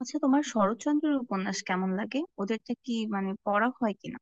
আচ্ছা, তোমার শরৎচন্দ্রের উপন্যাস কেমন লাগে? ওদেরটা কি মানে পড়া হয় কিনা?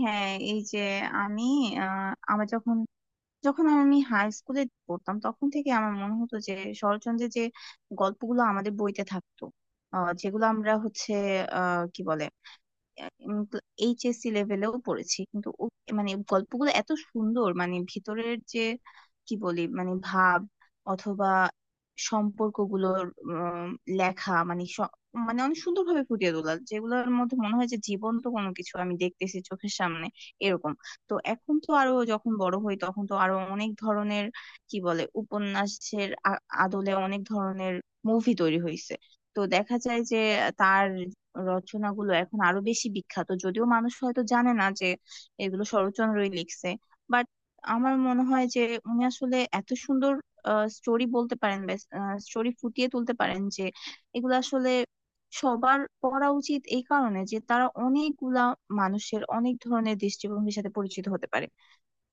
হ্যাঁ, এই যে আমি আহ, আমার যখন যখন আমি হাই স্কুলে পড়তাম তখন থেকে আমার মনে হতো যে শরৎচন্দ্রের যে গল্পগুলো আমাদের বইতে থাকতো, যেগুলো আমরা হচ্ছে কি বলে, তো এইচএসসি লেভেলেও পড়েছি, কিন্তু ও মানে গল্পগুলো এত সুন্দর, মানে ভিতরের যে কি বলি, মানে ভাব অথবা সম্পর্কগুলোর লেখা মানে মানে অনেক সুন্দরভাবে ফুটিয়ে তোলা, যেগুলোর মধ্যে মনে হয় যে জীবন্ত কোনো কিছু আমি দেখতেছি চোখের সামনে, এরকম। তো এখন তো আরো যখন বড় হই তখন তো আরো অনেক ধরনের কি বলে উপন্যাসের আদলে অনেক ধরনের মুভি তৈরি হয়েছে। তো দেখা যায় যে তার রচনাগুলো এখন আরো বেশি বিখ্যাত, যদিও মানুষ হয়তো জানে না যে এগুলো শরৎচন্দ্রই লিখছে। বাট আমার মনে হয় যে উনি আসলে এত সুন্দর স্টোরি বলতে পারেন, স্টোরি ফুটিয়ে তুলতে পারেন, যে এগুলো আসলে সবার পড়া উচিত, এই কারণে যে তারা অনেকগুলা মানুষের অনেক ধরনের দৃষ্টিভঙ্গির সাথে পরিচিত হতে পারে।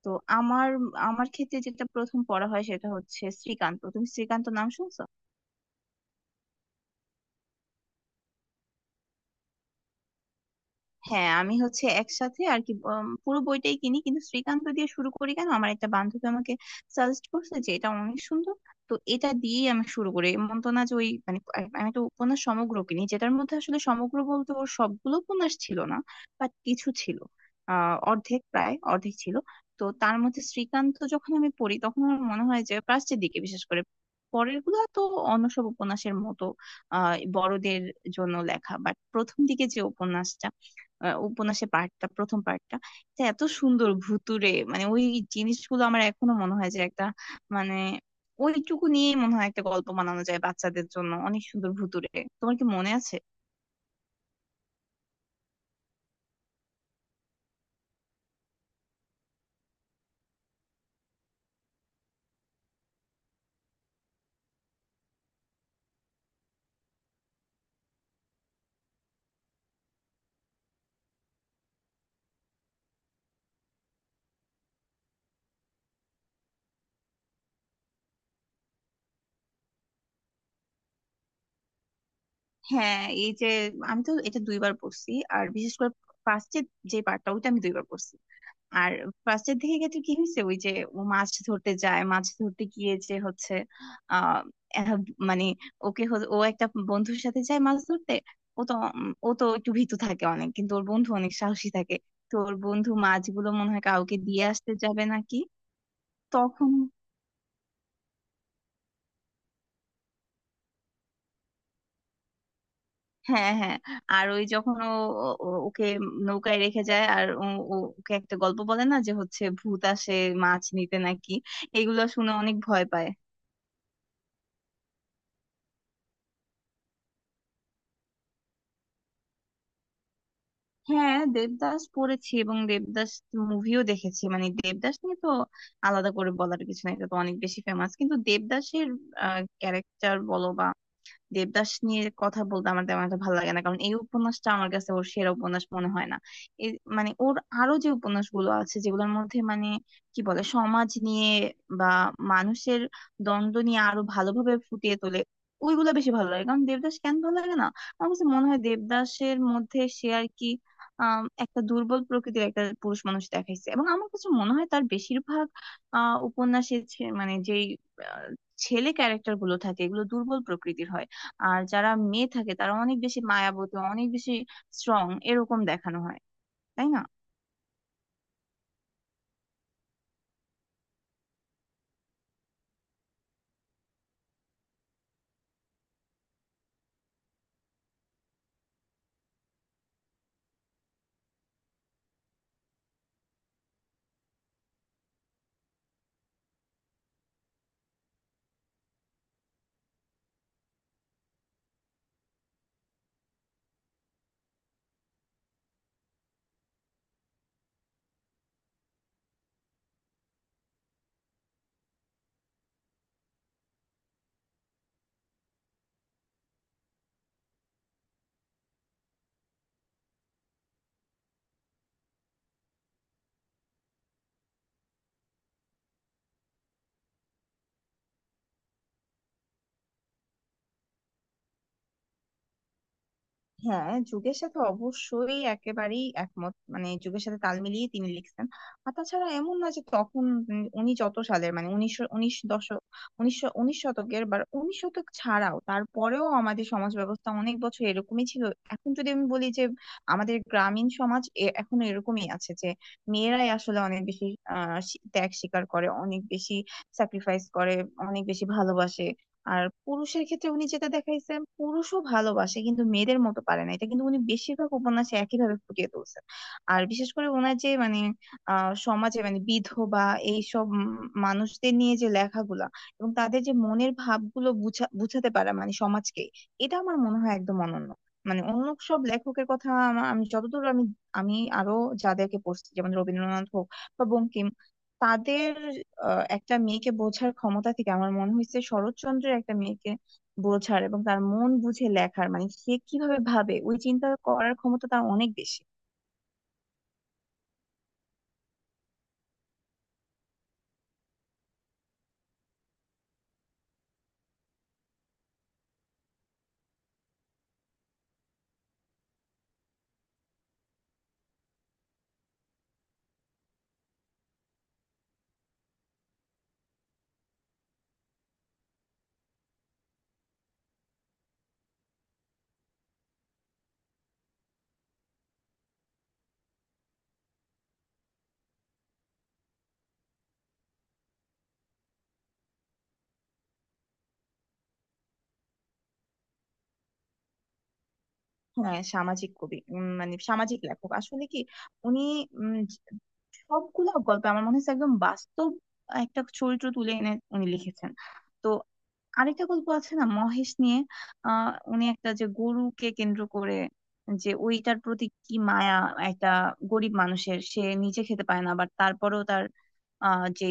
তো আমার আমার ক্ষেত্রে যেটা প্রথম পড়া হয় সেটা হচ্ছে শ্রীকান্ত। তুমি শ্রীকান্ত নাম শুনছো? হ্যাঁ, আমি হচ্ছে একসাথে আর কি, পুরো বইটাই কিনি, কিন্তু শ্রীকান্ত দিয়ে শুরু করি কেন, আমার একটা বান্ধবী আমাকে সাজেস্ট করছে যে এটা অনেক সুন্দর। তো এটা দিয়েই আমি শুরু করি। এমন তো না যে ওই মানে আমি তো উপন্যাস সমগ্র কিনি, যেটার মধ্যে আসলে সমগ্র বলতে ওর সবগুলো উপন্যাস ছিল না, বাট কিছু ছিল, অর্ধেক, প্রায় অর্ধেক ছিল। তো তার মধ্যে শ্রীকান্ত যখন আমি পড়ি তখন আমার মনে হয় যে প্রাচ্যের দিকে বিশেষ করে পরের গুলা তো অন্য সব উপন্যাসের মতো বড়দের জন্য লেখা, বাট প্রথম দিকে যে উপন্যাসটা, উপন্যাসের পার্টটা, প্রথম পার্টটা, এটা এত সুন্দর ভুতুড়ে, মানে ওই জিনিসগুলো আমার এখনো মনে হয় যে একটা মানে ওইটুকু নিয়েই মনে হয় একটা গল্প বানানো যায় বাচ্চাদের জন্য, অনেক সুন্দর ভুতুড়ে। তোমার কি মনে আছে? হ্যাঁ, এই যে আমি তো এটা দুইবার পড়ছি, আর বিশেষ করে ফার্স্টের যে পার্টটা ওইটা আমি দুইবার পড়ছি। আর ফার্স্টের দিকে ক্ষেত্রে কি হয়েছে, ওই যে ও মাছ ধরতে যায়, মাছ ধরতে গিয়ে যে হচ্ছে আহ এহ, মানে ওকে ও একটা বন্ধুর সাথে যায় মাছ ধরতে। ও তো ও তো একটু ভীতু থাকে অনেক, কিন্তু ওর বন্ধু অনেক সাহসী থাকে। তো ওর বন্ধু মাছগুলো মনে হয় কাউকে দিয়ে আসতে যাবে নাকি তখন। হ্যাঁ, হ্যাঁ। আর ওই যখন ও ওকে নৌকায় রেখে যায়, আর ও ওকে একটা গল্প বলে না যে হচ্ছে ভূত আসে মাছ নিতে নাকি, এগুলো শুনে অনেক ভয় পায়। হ্যাঁ, দেবদাস পড়েছি, এবং দেবদাস মুভিও দেখেছি। মানে দেবদাস নিয়ে তো আলাদা করে বলার কিছু নাই, এটা তো অনেক বেশি ফেমাস, কিন্তু দেবদাসের ক্যারেক্টার বলো বা দেবদাস নিয়ে কথা বলতে আমার তেমন একটা ভালো লাগে না, কারণ এই উপন্যাসটা আমার কাছে ওর সেরা উপন্যাস মনে হয় না। এ মানে ওর আরো যে উপন্যাসগুলো আছে, যেগুলোর মধ্যে মানে কি বলে সমাজ নিয়ে বা মানুষের দ্বন্দ্ব নিয়ে আরো ভালোভাবে ফুটিয়ে তোলে, ওইগুলো বেশি ভালো লাগে। কারণ দেবদাস কেন ভালো লাগে না, আমার কাছে মনে হয় দেবদাসের মধ্যে সে আর কি একটা দুর্বল প্রকৃতির একটা পুরুষ মানুষ দেখাইছে, এবং আমার কাছে মনে হয় তার বেশিরভাগ উপন্যাসে মানে যেই আহ, ছেলে ক্যারেক্টার গুলো থাকে এগুলো দুর্বল প্রকৃতির হয়। আর যারা মেয়ে থাকে তারা অনেক বেশি মায়াবতী, অনেক বেশি স্ট্রং, এরকম দেখানো হয়। তাই না? হ্যাঁ, যুগের সাথে অবশ্যই একেবারেই একমত, মানে যুগের সাথে তাল মিলিয়ে তিনি লিখছেন। আর তাছাড়া এমন না যে তখন উনি যত সালের, মানে উনিশশো উনিশ দশক, উনিশশো উনিশ শতকের বা উনিশ শতক ছাড়াও তারপরেও আমাদের সমাজ ব্যবস্থা অনেক বছর এরকমই ছিল। এখন যদি আমি বলি যে আমাদের গ্রামীণ সমাজ এখনো এরকমই আছে, যে মেয়েরাই আসলে অনেক বেশি ত্যাগ স্বীকার করে, অনেক বেশি স্যাক্রিফাইস করে, অনেক বেশি ভালোবাসে। আর পুরুষের ক্ষেত্রে উনি যেটা দেখাইছেন, পুরুষও ভালোবাসে কিন্তু মেয়েদের মতো পারে না, এটা কিন্তু উনি বেশিরভাগ উপন্যাসে একইভাবে ফুটিয়ে তুলছেন। আর বিশেষ করে ওনার যে মানে সমাজে, মানে বিধবা এইসব মানুষদের নিয়ে যে লেখাগুলা এবং তাদের যে মনের ভাবগুলো বুঝা, বুঝাতে পারা, মানে সমাজকে, এটা আমার মনে হয় একদম অনন্য। মানে অন্য সব লেখকের কথা, আমি যতদূর আমি আমি আরো যাদেরকে পড়ছি, যেমন রবীন্দ্রনাথ হোক বা বঙ্কিম, তাদের একটা মেয়েকে বোঝার ক্ষমতা থেকে আমার মনে হয়েছে শরৎচন্দ্রের একটা মেয়েকে বোঝার এবং তার মন বুঝে লেখার, মানে সে কিভাবে ভাবে ওই চিন্তা করার ক্ষমতা তার অনেক বেশি। হ্যাঁ, সামাজিক কবি, মানে সামাজিক লেখক আসলে কি, উনি সবগুলো গল্প আমার মনে হচ্ছে একদম বাস্তব একটা চরিত্র তুলে এনে উনি লিখেছেন। তো আরেকটা গল্প আছে না মহেশ নিয়ে, উনি একটা যে গরুকে কেন্দ্র করে, যে ওইটার প্রতি কি মায়া, একটা গরিব মানুষের, সে নিজে খেতে পায় না বাট তারপরেও তার যে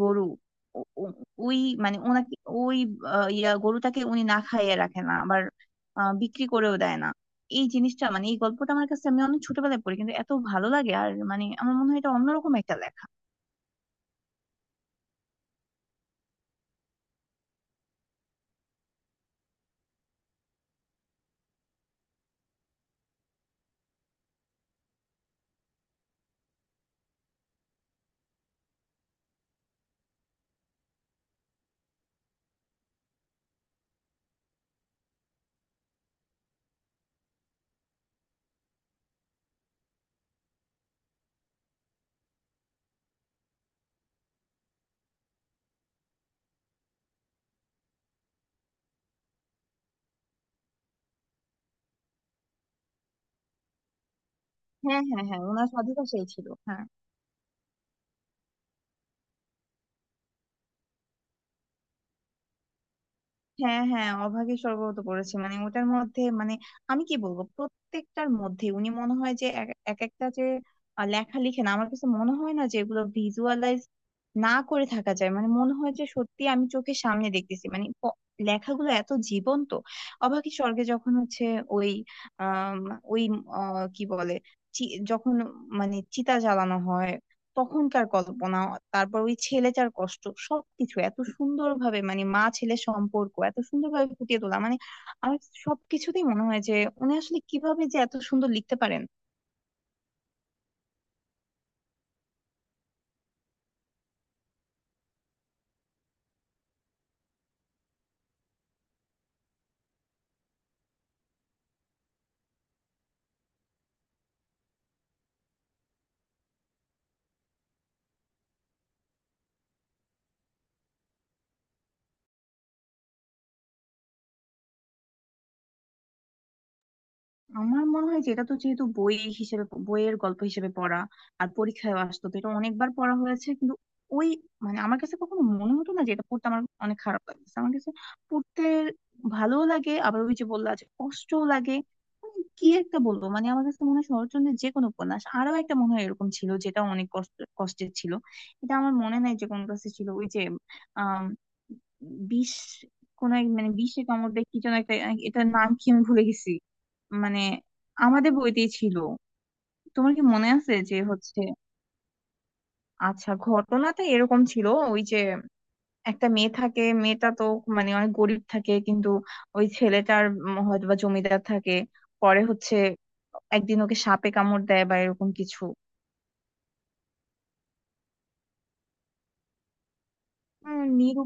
গরু, ও- ও- ওই মানে ওনাকে, ওই ইয়া গরুটাকে উনি না খাইয়ে রাখে না, আবার বিক্রি করেও দেয় না। এই জিনিসটা, মানে এই গল্পটা আমার কাছে, আমি অনেক ছোটবেলায় পড়ি কিন্তু এত ভালো লাগে, আর মানে আমার মনে হয় এটা অন্যরকম একটা লেখা। হ্যাঁ, হ্যাঁ, হ্যাঁ, ওনার স্বাধীনতা সেই ছিল, হ্যাঁ। হ্যাঁ, হ্যাঁ, অভাগী স্বর্গগত করেছে, মানে ওটার মধ্যে মানে আমি কি বলবো, প্রত্যেকটার মধ্যে উনি মনে হয় যে এক এক একটা যে লেখা লিখেন, আমার কাছে মনে হয় না যে এগুলো ভিজুয়ালাইজ না করে থাকা যায়, মানে মনে হয় যে সত্যি আমি চোখের সামনে দেখতেছি, মানে লেখাগুলো এত জীবন্ত। অভাগী স্বর্গে যখন হচ্ছে ওই আহ ওই কি বলে, যখন মানে চিতা জ্বালানো হয় তখনকার কল্পনা, তারপর ওই ছেলেটার কষ্ট, সবকিছু এত সুন্দর ভাবে, মানে মা ছেলে সম্পর্ক এত সুন্দর ভাবে ফুটিয়ে তোলা, মানে আমার সবকিছুতেই মনে হয় যে উনি আসলে কিভাবে যে এত সুন্দর লিখতে পারেন। আমার মনে হয় যে এটা তো যেহেতু বই হিসেবে, বইয়ের গল্প হিসেবে পড়া আর পরীক্ষায় আসতো, তো এটা অনেকবার পড়া হয়েছে, কিন্তু ওই মানে আমার কাছে কখনো মনে হতো না যে এটা পড়তে আমার অনেক খারাপ লাগছে। আমার কাছে পড়তে ভালোও লাগে, আবার ওই যে বললা যে কষ্টও লাগে। মানে কি একটা বলবো, মানে আমার কাছে মনে হয় শরৎচন্দ্রের যে কোনো উপন্যাস, আরো একটা মনে হয় এরকম ছিল যেটা অনেক কষ্ট, কষ্টের ছিল। এটা আমার মনে নাই যে কোন কাছে ছিল, ওই যে আহ বিষ, কোন এক মানে বিষে কামড় দেয় কি যেন একটা, এটার নাম কি আমি ভুলে গেছি। মানে আমাদের বইতেই ছিল। তোমার কি মনে আছে যে হচ্ছে। আচ্ছা, ঘটনাটা এরকম ছিল, ওই যে একটা মেয়ে থাকে, মেয়েটা তো মানে অনেক গরিব থাকে, কিন্তু ওই ছেলেটার হয়তো বা জমিদার থাকে। পরে হচ্ছে একদিন ওকে সাপে কামড় দেয় বা এরকম কিছু। নিরু,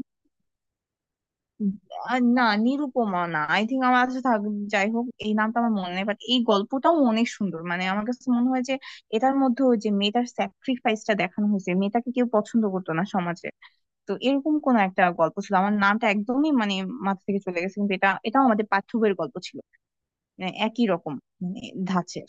না নিরুপমা না, আই থিঙ্ক আমার কাছে থাক, যাই হোক এই নামটা আমার মনে নেই, বাট এই গল্পটাও অনেক সুন্দর। মানে আমার কাছে মনে হয় যে এটার মধ্যে ওই যে মেয়েটার স্যাক্রিফাইসটা দেখানো হয়েছে, মেয়েটাকে কেউ পছন্দ করতো না সমাজে। তো এরকম কোন একটা গল্প ছিল, আমার নামটা একদমই মানে মাথা থেকে চলে গেছে, কিন্তু এটাও আমাদের পাঠ্য বইয়ের গল্প ছিল, মানে একই রকম, মানে ধাঁচের।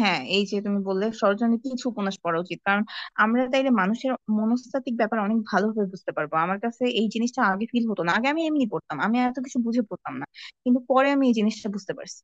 হ্যাঁ, এই যে তুমি বললে সরজনের কিছু উপন্যাস পড়া উচিত, কারণ আমরা তাইলে মানুষের মনস্তাত্ত্বিক ব্যাপার অনেক ভালোভাবে বুঝতে পারবো। আমার কাছে এই জিনিসটা আগে ফিল হতো না, আগে আমি এমনি পড়তাম, আমি এত কিছু বুঝে পড়তাম না, কিন্তু পরে আমি এই জিনিসটা বুঝতে পারছি।